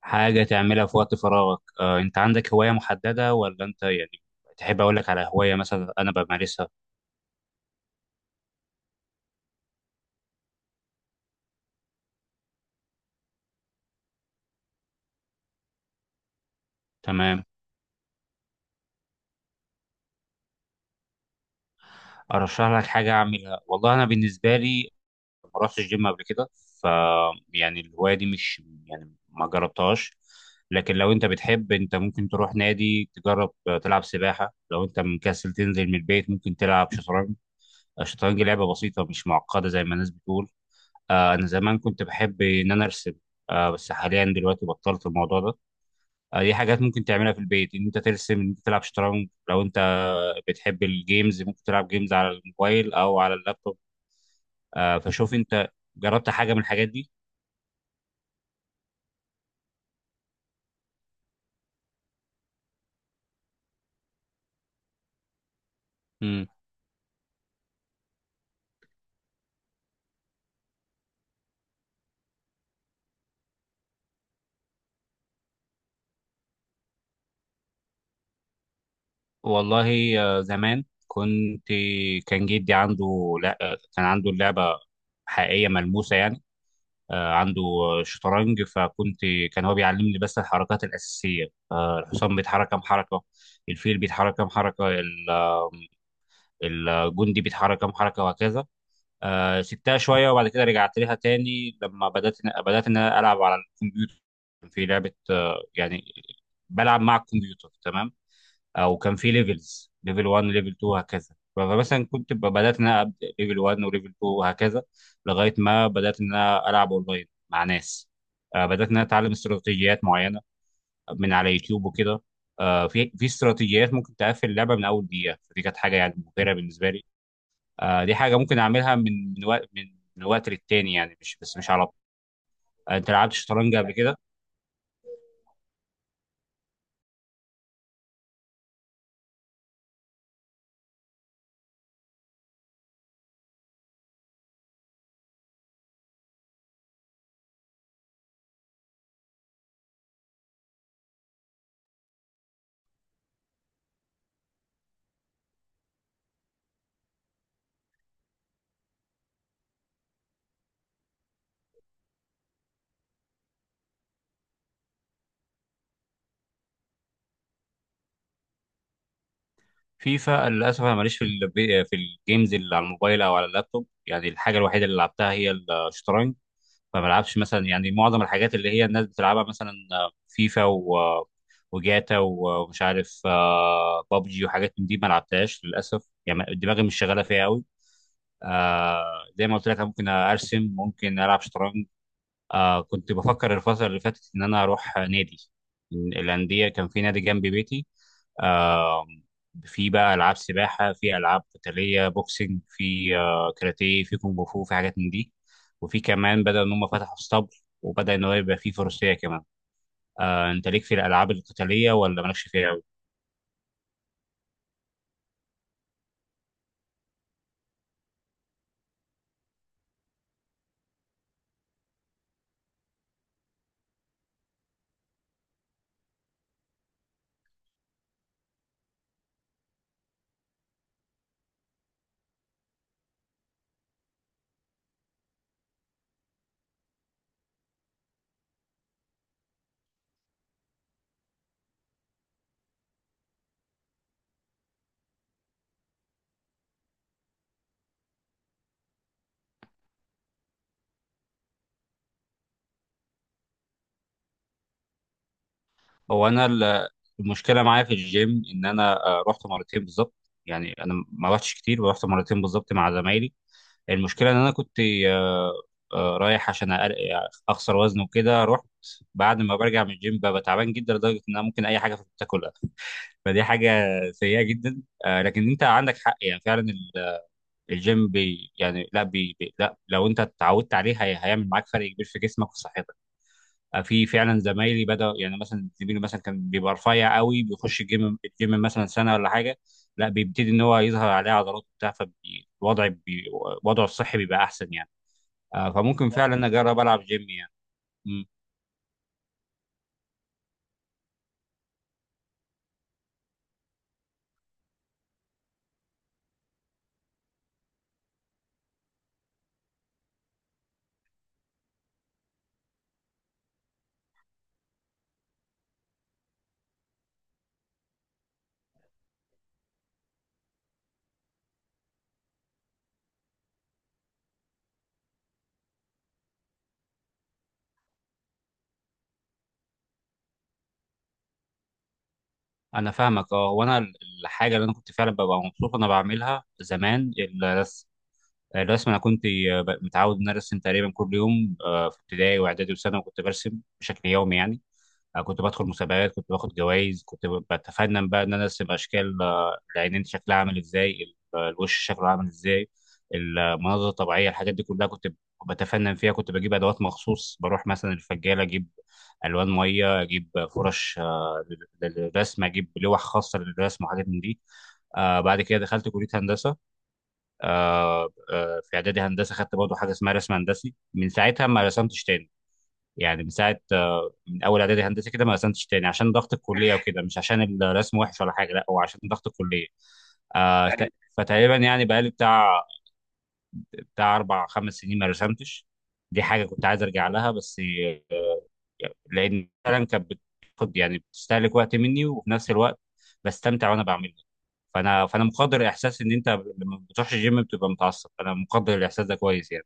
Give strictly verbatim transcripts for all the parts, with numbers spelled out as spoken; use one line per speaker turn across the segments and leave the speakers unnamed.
حاجة تعملها في وقت فراغك آه، أنت عندك هواية محددة ولا أنت يعني تحب أقول لك على هواية مثلا أنا بمارسها. تمام. أرشح لك حاجة أعملها. والله أنا بالنسبة لي ما رحتش جيم قبل كده. ف يعني الهواية دي مش يعني ما جربتهاش. لكن لو أنت بتحب أنت ممكن تروح نادي تجرب، آه، تلعب سباحة. لو أنت مكسل تنزل من البيت ممكن تلعب شطرنج. الشطرنج لعبة بسيطة مش معقدة زي ما الناس بتقول. آه، أنا زمان كنت بحب إن أنا أرسم. آه، بس حاليا دلوقتي بطلت الموضوع ده. آه، دي حاجات ممكن تعملها في البيت، ان انت ترسم ان انت تلعب شطرنج. لو انت بتحب الجيمز ممكن تلعب جيمز على الموبايل او على اللابتوب. آه، فشوف انت جربت حاجه من الحاجات دي. امم والله، آه، زمان كنت، كان جدي عنده، لا آه، كان عنده اللعبه حقيقيه ملموسه يعني. آه، عنده آه، شطرنج فكنت، كان هو بيعلمني بس الحركات الاساسيه. آه، الحصان بيتحرك كام حركه، الفيل بيتحرك كام حركه، ال- آه، الجندي بيتحرك كام حركه وهكذا. آه، سبتها شويه وبعد كده رجعت لها تاني لما بدات، بدات ان انا العب على الكمبيوتر. كان في لعبه آه، يعني بلعب مع الكمبيوتر. تمام. او كان في ليفلز ليفل واحد ليفل اتنين وهكذا. فمثلا كنت ب- بدات ان انا ابدا ليفل واحد وليفل اتنين وهكذا لغايه ما بدات ان انا العب اونلاين مع ناس. آه، بدات ان انا اتعلم استراتيجيات معينه من على يوتيوب وكده. آه، في في استراتيجيات ممكن تقفل اللعبه من اول دقيقه، فدي كانت حاجه يعني مبهره بالنسبه لي. آه، دي حاجة ممكن أعملها من من وقت من من وقت للتاني يعني مش بس مش على طول. آه، أنت لعبت شطرنج قبل كده؟ فيفا للأسف أنا ماليش في ال في الجيمز اللي على الموبايل أو على اللابتوب، يعني الحاجة الوحيدة اللي لعبتها هي الشطرنج. فما بلعبش مثلا، يعني معظم الحاجات اللي هي الناس بتلعبها مثلا آه، فيفا و وجاتا و- ومش عارف آه، بابجي وحاجات من دي ما لعبتهاش للأسف، يعني دماغي مش شغالة فيها أوي. آه. زي ما قلت لك أنا ممكن ارسم ممكن العب شطرنج. آه، كنت بفكر الفترة اللي فاتت إن أنا أروح نادي من الأندية. كان في نادي جنب بيتي. آه، في بقى ألعاب سباحة، في ألعاب قتالية بوكسينج، في آه كاراتيه، في كونغ فو، في حاجات من دي. وفي كمان بدأ إن هم فتحوا اسطبل وبدأ إن هو يبقى فيه فروسية كمان. آه، أنت ليك في الألعاب القتالية ولا مالكش فيها أوي؟ هو أنا ال- المشكلة معايا في الجيم إن أنا آه رحت مرتين بالظبط. يعني أنا ما رحتش كتير ورحت مرتين بالظبط مع زمايلي. المشكله ان انا كنت، آه، آه، رايح عشان أقل- اخسر وزن وكده. رحت، بعد ما برجع من الجيم ببقى تعبان جدا لدرجه ان انا ممكن اي حاجه في تاكلها. فدي حاجه سيئه جدا. آه، لكن انت عندك حق، يعني فعلا ال- الجيم بي يعني لا بي بي لا لو انت اتعودت عليه هي هيعمل معاك فرق كبير في جسمك وفي صحتك. آه، في فعلا زمايلي بدأ، يعني مثلا زميلي مثلا كان بيبقى رفيع قوي، بيخش الجيم الجيم مثلا سنه ولا حاجه، لا بيبتدي ان هو يظهر عليه عضلات وبتاع. فالوضع بي وضعه الصحي بيبقى احسن يعني. آه، فممكن فعلا اجرب العب جيم يعني. مم. انا فاهمك اه. وانا ال- الحاجه اللي انا كنت فعلا ببقى مبسوط وانا بعملها زمان الرسم. الرسم انا كنت آه، ب- متعود ان أنا ارسم تقريبا كل يوم. آه، في ابتدائي واعدادي وثانوي كنت برسم بشكل يومي يعني. آه، كنت بدخل مسابقات كنت باخد جوائز كنت ب- بتفنن بقى ان انا ارسم اشكال، آه، العينين شكلها عامل ازاي، ال- آه، الوش شكله عامل ازاي، المناظر الطبيعيه الحاجات دي كلها كنت ب- بتفنن فيها. كنت بجيب ادوات مخصوص بروح مثلا الفجاله اجيب الوان ميه اجيب فرش آه، لل- للرسم، اجيب لوح خاصه للرسم وحاجات من دي. آه بعد كده دخلت كليه هندسه. آه آه في اعدادي هندسه خدت برضه حاجه اسمها رسم هندسي. من ساعتها ما رسمتش تاني، يعني من ساعه من اول اعدادي هندسه كده ما قسمتش تاني عشان ضغط الكليه وكده، مش عشان الرسم وحش ولا حاجه، لا هو عشان ضغط الكليه. آه ت- فتقريبا يعني بقالي بتاع بتاع اربع خمس سنين ما رسمتش. دي حاجه كنت عايز ارجع لها بس، آه، لان فعلا كانت بتاخد يعني بتستهلك وقت مني وفي نفس الوقت بستمتع وانا بعملها. فانا فانا مقدر احساس ان انت لما بتروحش الجيم بتبقى متعصب. انا مقدر الاحساس ده كويس يعني.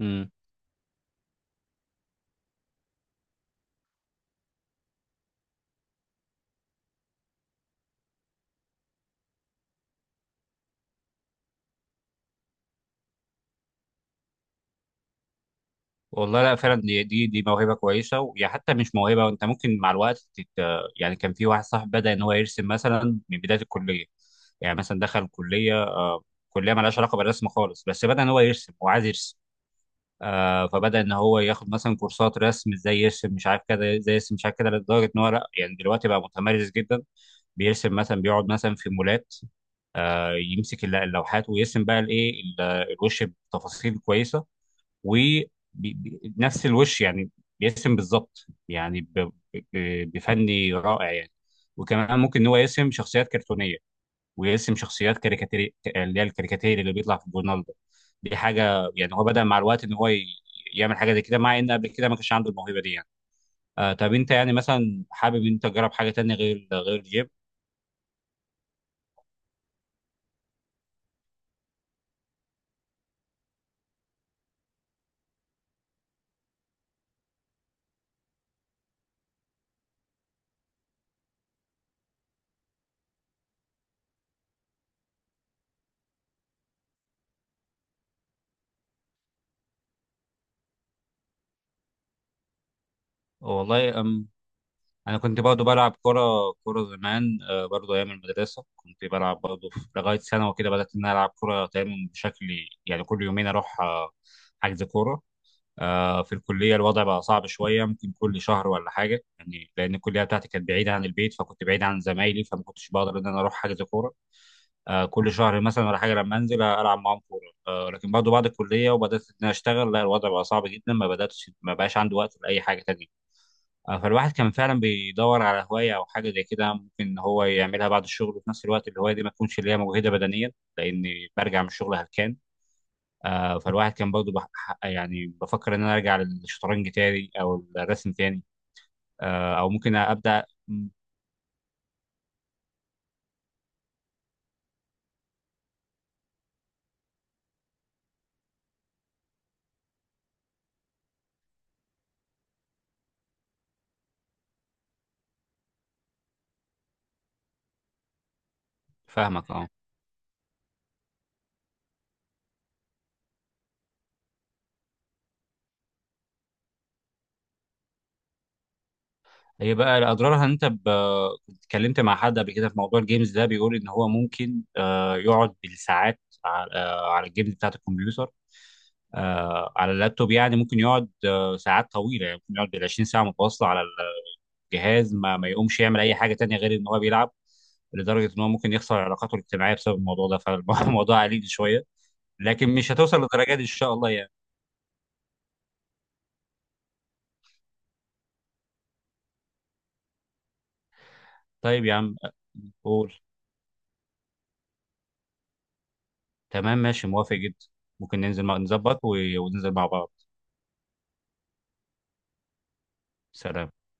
مم. والله لا فعلا دي دي دي موهبه كويسه، ويا حتى مش موهبه، انت ممكن مع الوقت تت... يعني كان في واحد صاحب بدا ان هو يرسم مثلا من بدايه الكليه، يعني مثلا دخل كليه آه، كليه مالهاش علاقه بالرسم خالص بس بدا ان هو يرسم وعايز يرسم. آه، فبدا ان هو ياخد مثلا كورسات رسم ازاي يرسم مش عارف كده، ازاي يرسم مش عارف كده لدرجه ان هو لا يعني دلوقتي بقى متمرس جدا. بيرسم مثلا بيقعد مثلا في مولات، آه، يمسك الل- اللوحات ويرسم بقى الايه، ال- الوش بتفاصيل كويسه، ونفس الوش يعني بيرسم بالظبط، يعني ب- ب- بفني رائع يعني. وكمان ممكن ان هو يرسم شخصيات كرتونيه ويرسم شخصيات كاريكاتير اللي هي الكاريكاتير اللي بيطلع في الجورنال ده. دي حاجه يعني هو بدأ مع الوقت ان هو ي- يعمل حاجه زي كده مع ان قبل كده ما كانش عنده الموهبه دي يعني. آه، طب انت يعني مثلا حابب انت تجرب حاجه تانية غير غير الجيم؟ والله انا كنت برضه بلعب كرة. كرة زمان آه، برضه ايام المدرسة كنت بلعب برضه في- لغاية ثانوي وكده، بدأت ان انا العب كرة تقريبا بشكل، يعني كل يومين اروح آه، حجز كورة. آه، في الكلية الوضع بقى صعب شوية، ممكن كل شهر ولا حاجة، يعني لأن الكلية بتاعتي كانت بعيدة عن البيت فكنت بعيد عن زمايلي، فما كنتش بقدر إن أنا أروح حجز كورة آه، كل شهر مثلا ولا حاجة لما أنزل ألعب معاهم كورة. آه، لكن برضه بعد الكلية وبدأت إن أنا أشتغل لا الوضع بقى صعب جدا، ما بدأتش ما بقاش عندي وقت لأي حاجة تانية. آه، فالواحد كان فعلا بيدور على هواية أو حاجة زي كده ممكن إن هو يعملها بعد الشغل، وفي نفس الوقت الهواية دي ما تكونش اللي هي مجهدة بدنيا لأني برجع من الشغل هلكان. آه، فالواحد كان برضه بح- يعني بفكر إن أنا أرجع للشطرنج تاني أو الرسم تاني. آه، أو ممكن أبدأ. فاهمك أه. هي بقى اضرارها ان انت ب... كنت اتكلمت مع حد قبل كده في موضوع الجيمز ده، بيقول ان هو ممكن آه، يقعد بالساعات على، آه، على الجيمز بتاعت الكمبيوتر آه، على اللابتوب. يعني ممكن يقعد آه، ساعات طويله، يعني ممكن يقعد بال عشرين ساعه متواصله على الجهاز، ما, ما يقومش يعمل اي حاجه تانية غير ان هو بيلعب، لدرجه ان هو ممكن يخسر علاقاته الاجتماعيه بسبب الموضوع ده، فالموضوع عريض شويه. لكن مش هتوصل للدرجه دي ان شاء الله يعني. طيب يا عم. قول. تمام ماشي موافق جدا. ممكن ننزل مع- نظبط و- وننزل مع بعض. سلام.